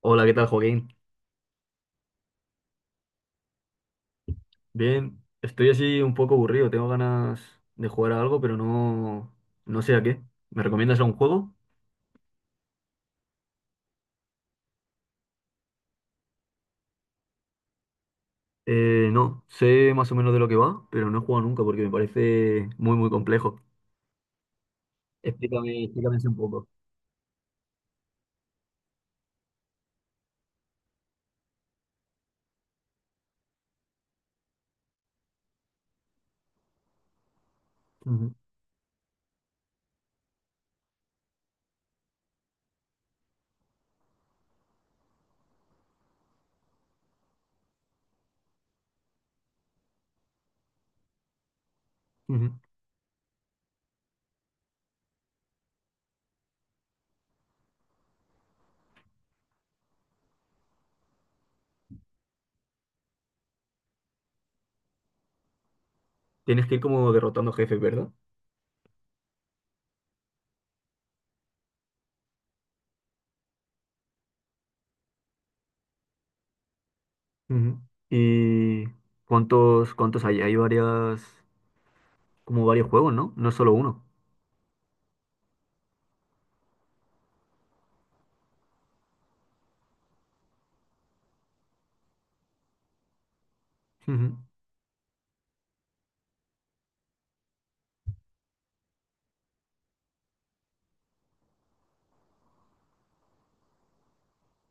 Hola, ¿qué tal, Joaquín? Bien, estoy así un poco aburrido, tengo ganas de jugar a algo, pero no, no sé a qué. ¿Me recomiendas algún juego? No, sé más o menos de lo que va, pero no he jugado nunca porque me parece muy, muy complejo. Explícame, explícame así un poco. Ujú, ujú. Tienes que ir como derrotando jefes, ¿verdad? Ujú. ¿Y cuántos hay? Hay varias, como varios juegos, ¿no? No es solo uno. Ujú.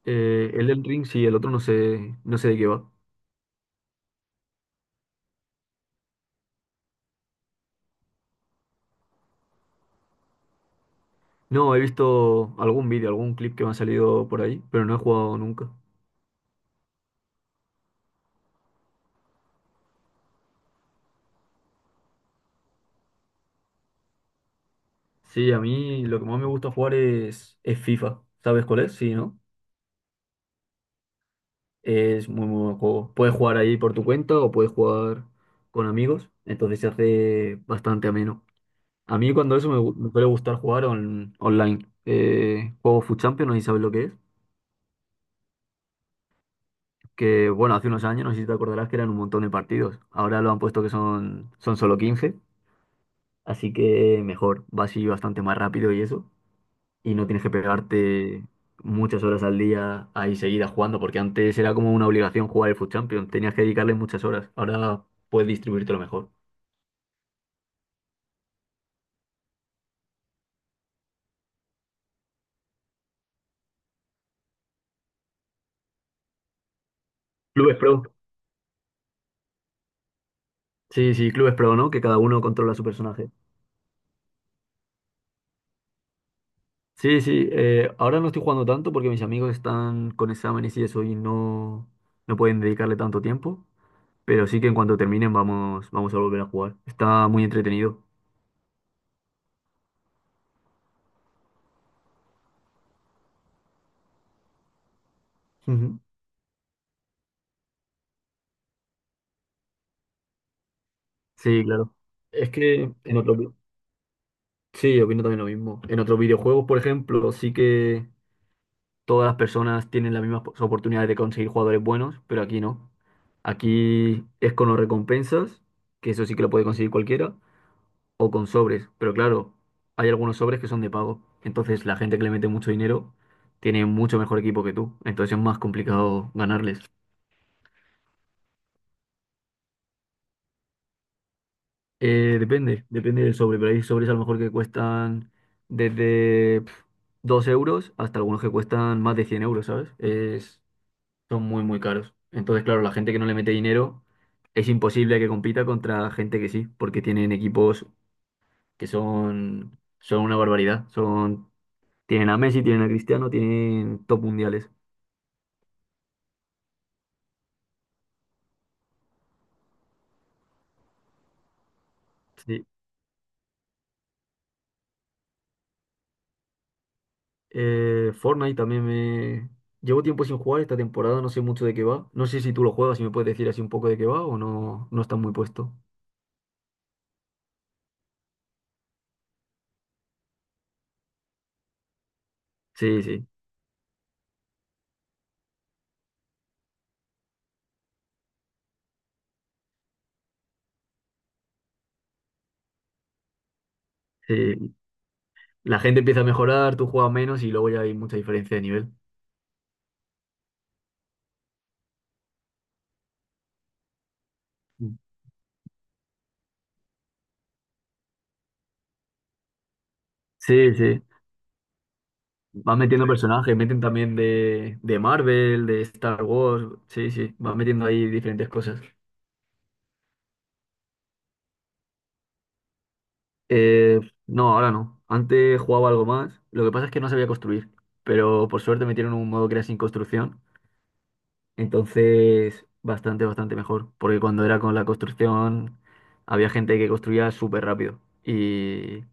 Elden Ring, sí, el otro no sé de qué va. No, he visto algún vídeo, algún clip que me ha salido por ahí, pero no he jugado nunca. Sí, a mí lo que más me gusta jugar es FIFA. ¿Sabes cuál es? Sí, ¿no? Es muy, muy buen juego. Puedes jugar ahí por tu cuenta o puedes jugar con amigos, entonces se hace bastante ameno. A mí cuando eso me suele gustar jugar online. Juego FUT Champions, no sé si sabes lo que es. Que bueno, hace unos años, no sé si te acordarás que eran un montón de partidos. Ahora lo han puesto que son solo 15, así que mejor, va así bastante más rápido y eso. Y no tienes que pegarte muchas horas al día ahí seguidas jugando, porque antes era como una obligación jugar el FUT Champions, tenías que dedicarle muchas horas. Ahora puedes distribuírtelo mejor. Clubes Pro. Sí, sí, Clubes Pro, ¿no? Que cada uno controla su personaje. Sí, sí, ahora no estoy jugando tanto porque mis amigos están con exámenes y eso y no, no pueden dedicarle tanto tiempo, pero sí que en cuanto terminen vamos a volver a jugar. Está muy entretenido. Ujú. Sí, claro. Es que en otro. Sí, opino también lo mismo. En otros videojuegos, por ejemplo, sí que todas las personas tienen las mismas oportunidades de conseguir jugadores buenos, pero aquí no. Aquí es con los recompensas, que eso sí que lo puede conseguir cualquiera, o con sobres. Pero claro, hay algunos sobres que son de pago. Entonces la gente que le mete mucho dinero tiene mucho mejor equipo que tú. Entonces es más complicado ganarles. Depende, depende del sobre, pero hay sobres a lo mejor que cuestan desde 2 € hasta algunos que cuestan más de 100 euros, ¿sabes? Son muy, muy caros. Entonces, claro, la gente que no le mete dinero es imposible que compita contra gente que sí, porque tienen equipos que son una barbaridad. Tienen a Messi, tienen a Cristiano, tienen top mundiales. Sí. Fortnite también me... Llevo tiempo sin jugar esta temporada, no sé mucho de qué va. No sé si tú lo juegas, si me puedes decir así un poco de qué va o no, no estás muy puesto. Sí, sí, sí. La gente empieza a mejorar, tú juegas menos y luego ya hay mucha diferencia de nivel. Mm. Sí, sí. Van metiendo personajes, meten también de Marvel, de Star Wars. Sí, sí, van metiendo ahí diferentes cosas. Eh, no, ahora no. Antes jugaba algo más. Lo que pasa es que no sabía construir. Pero por suerte metieron un modo que era sin construcción. Entonces, bastante, bastante mejor. Porque cuando era con la construcción, había gente que construía súper rápido. Y,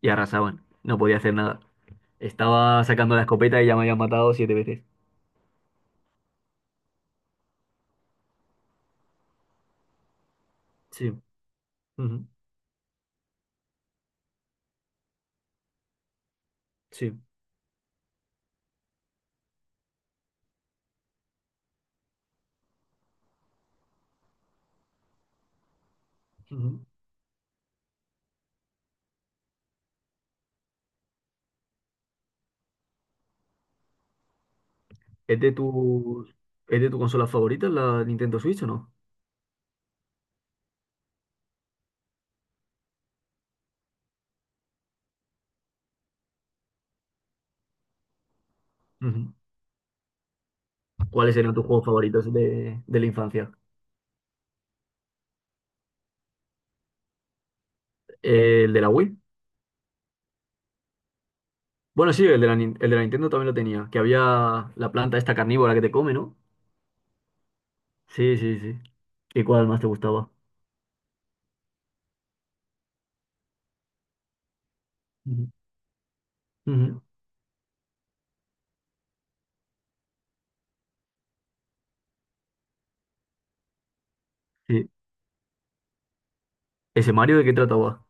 y arrasaban. No podía hacer nada. Estaba sacando la escopeta y ya me habían matado siete veces. Sí. Ujú. Sí. Ujú. ¿Es de tu, es de tu consola favorita la Nintendo Switch o no? Ujú. ¿Cuáles serían tus juegos favoritos de la infancia? ¿El de la Wii? Bueno, sí, el de la Nintendo también lo tenía, que había la planta esta carnívora que te come, ¿no? Sí, sí, sí. ¿Y cuál más te gustaba? Ujú. Ujú. Sí. ¿Ese Mario de qué trataba?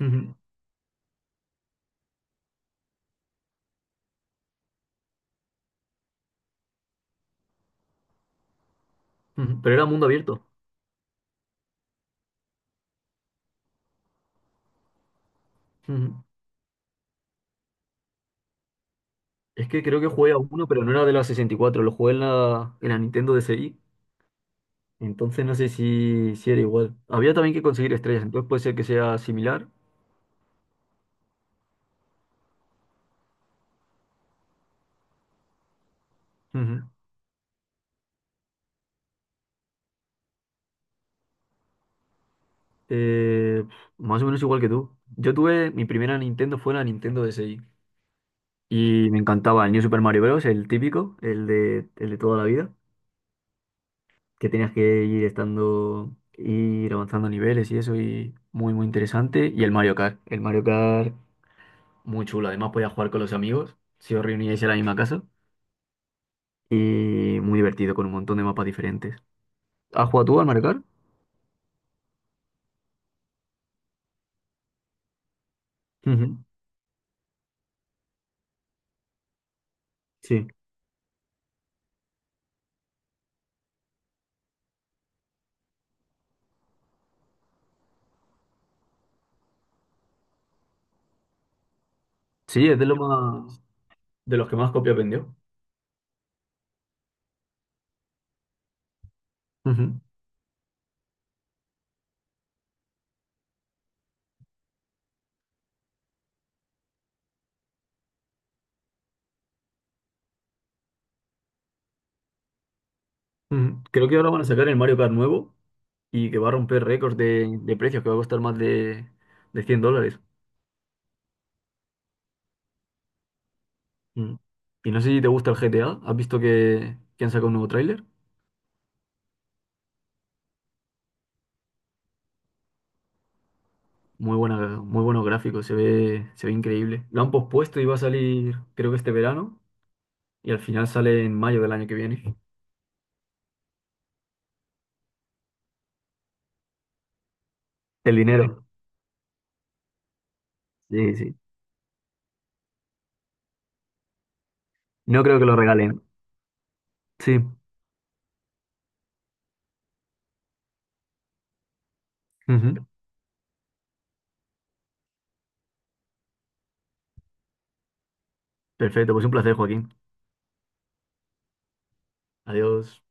Ujú. Ujú. Pero era mundo abierto. Ujú. Es que creo que jugué a uno, pero no era de la 64. Lo jugué en la Nintendo DSi. Entonces no sé si era igual. Había también que conseguir estrellas, entonces puede ser que sea similar. Ujú. Eh, Más o menos igual que tú. Yo tuve, mi primera Nintendo fue la Nintendo DSi. Y me encantaba el New Super Mario Bros., el típico, el de toda la vida, que tenías que ir estando, ir avanzando niveles y eso, y muy, muy interesante. Y el Mario Kart, muy chulo. Además, podías jugar con los amigos, si os reuníais en la misma casa. Y muy divertido, con un montón de mapas diferentes. ¿Has jugado tú al Mario Kart? Ujú. Sí, sí, es de lo más, de los que más copias vendió. Ujú, ujú. Creo que ahora van a sacar el Mario Kart nuevo y que va a romper récords de precios, que va a costar más de $100. Mm. Y no sé si te gusta el GTA, ¿has visto que han sacado un nuevo tráiler? Muy buena, muy buenos gráficos, se ve increíble. Lo han pospuesto y va a salir, creo que este verano, y al final sale en mayo del año que viene. El dinero. Sí, sí. No creo que lo regalen. Sí. Ujú. Perfecto, pues un placer, Joaquín. Adiós.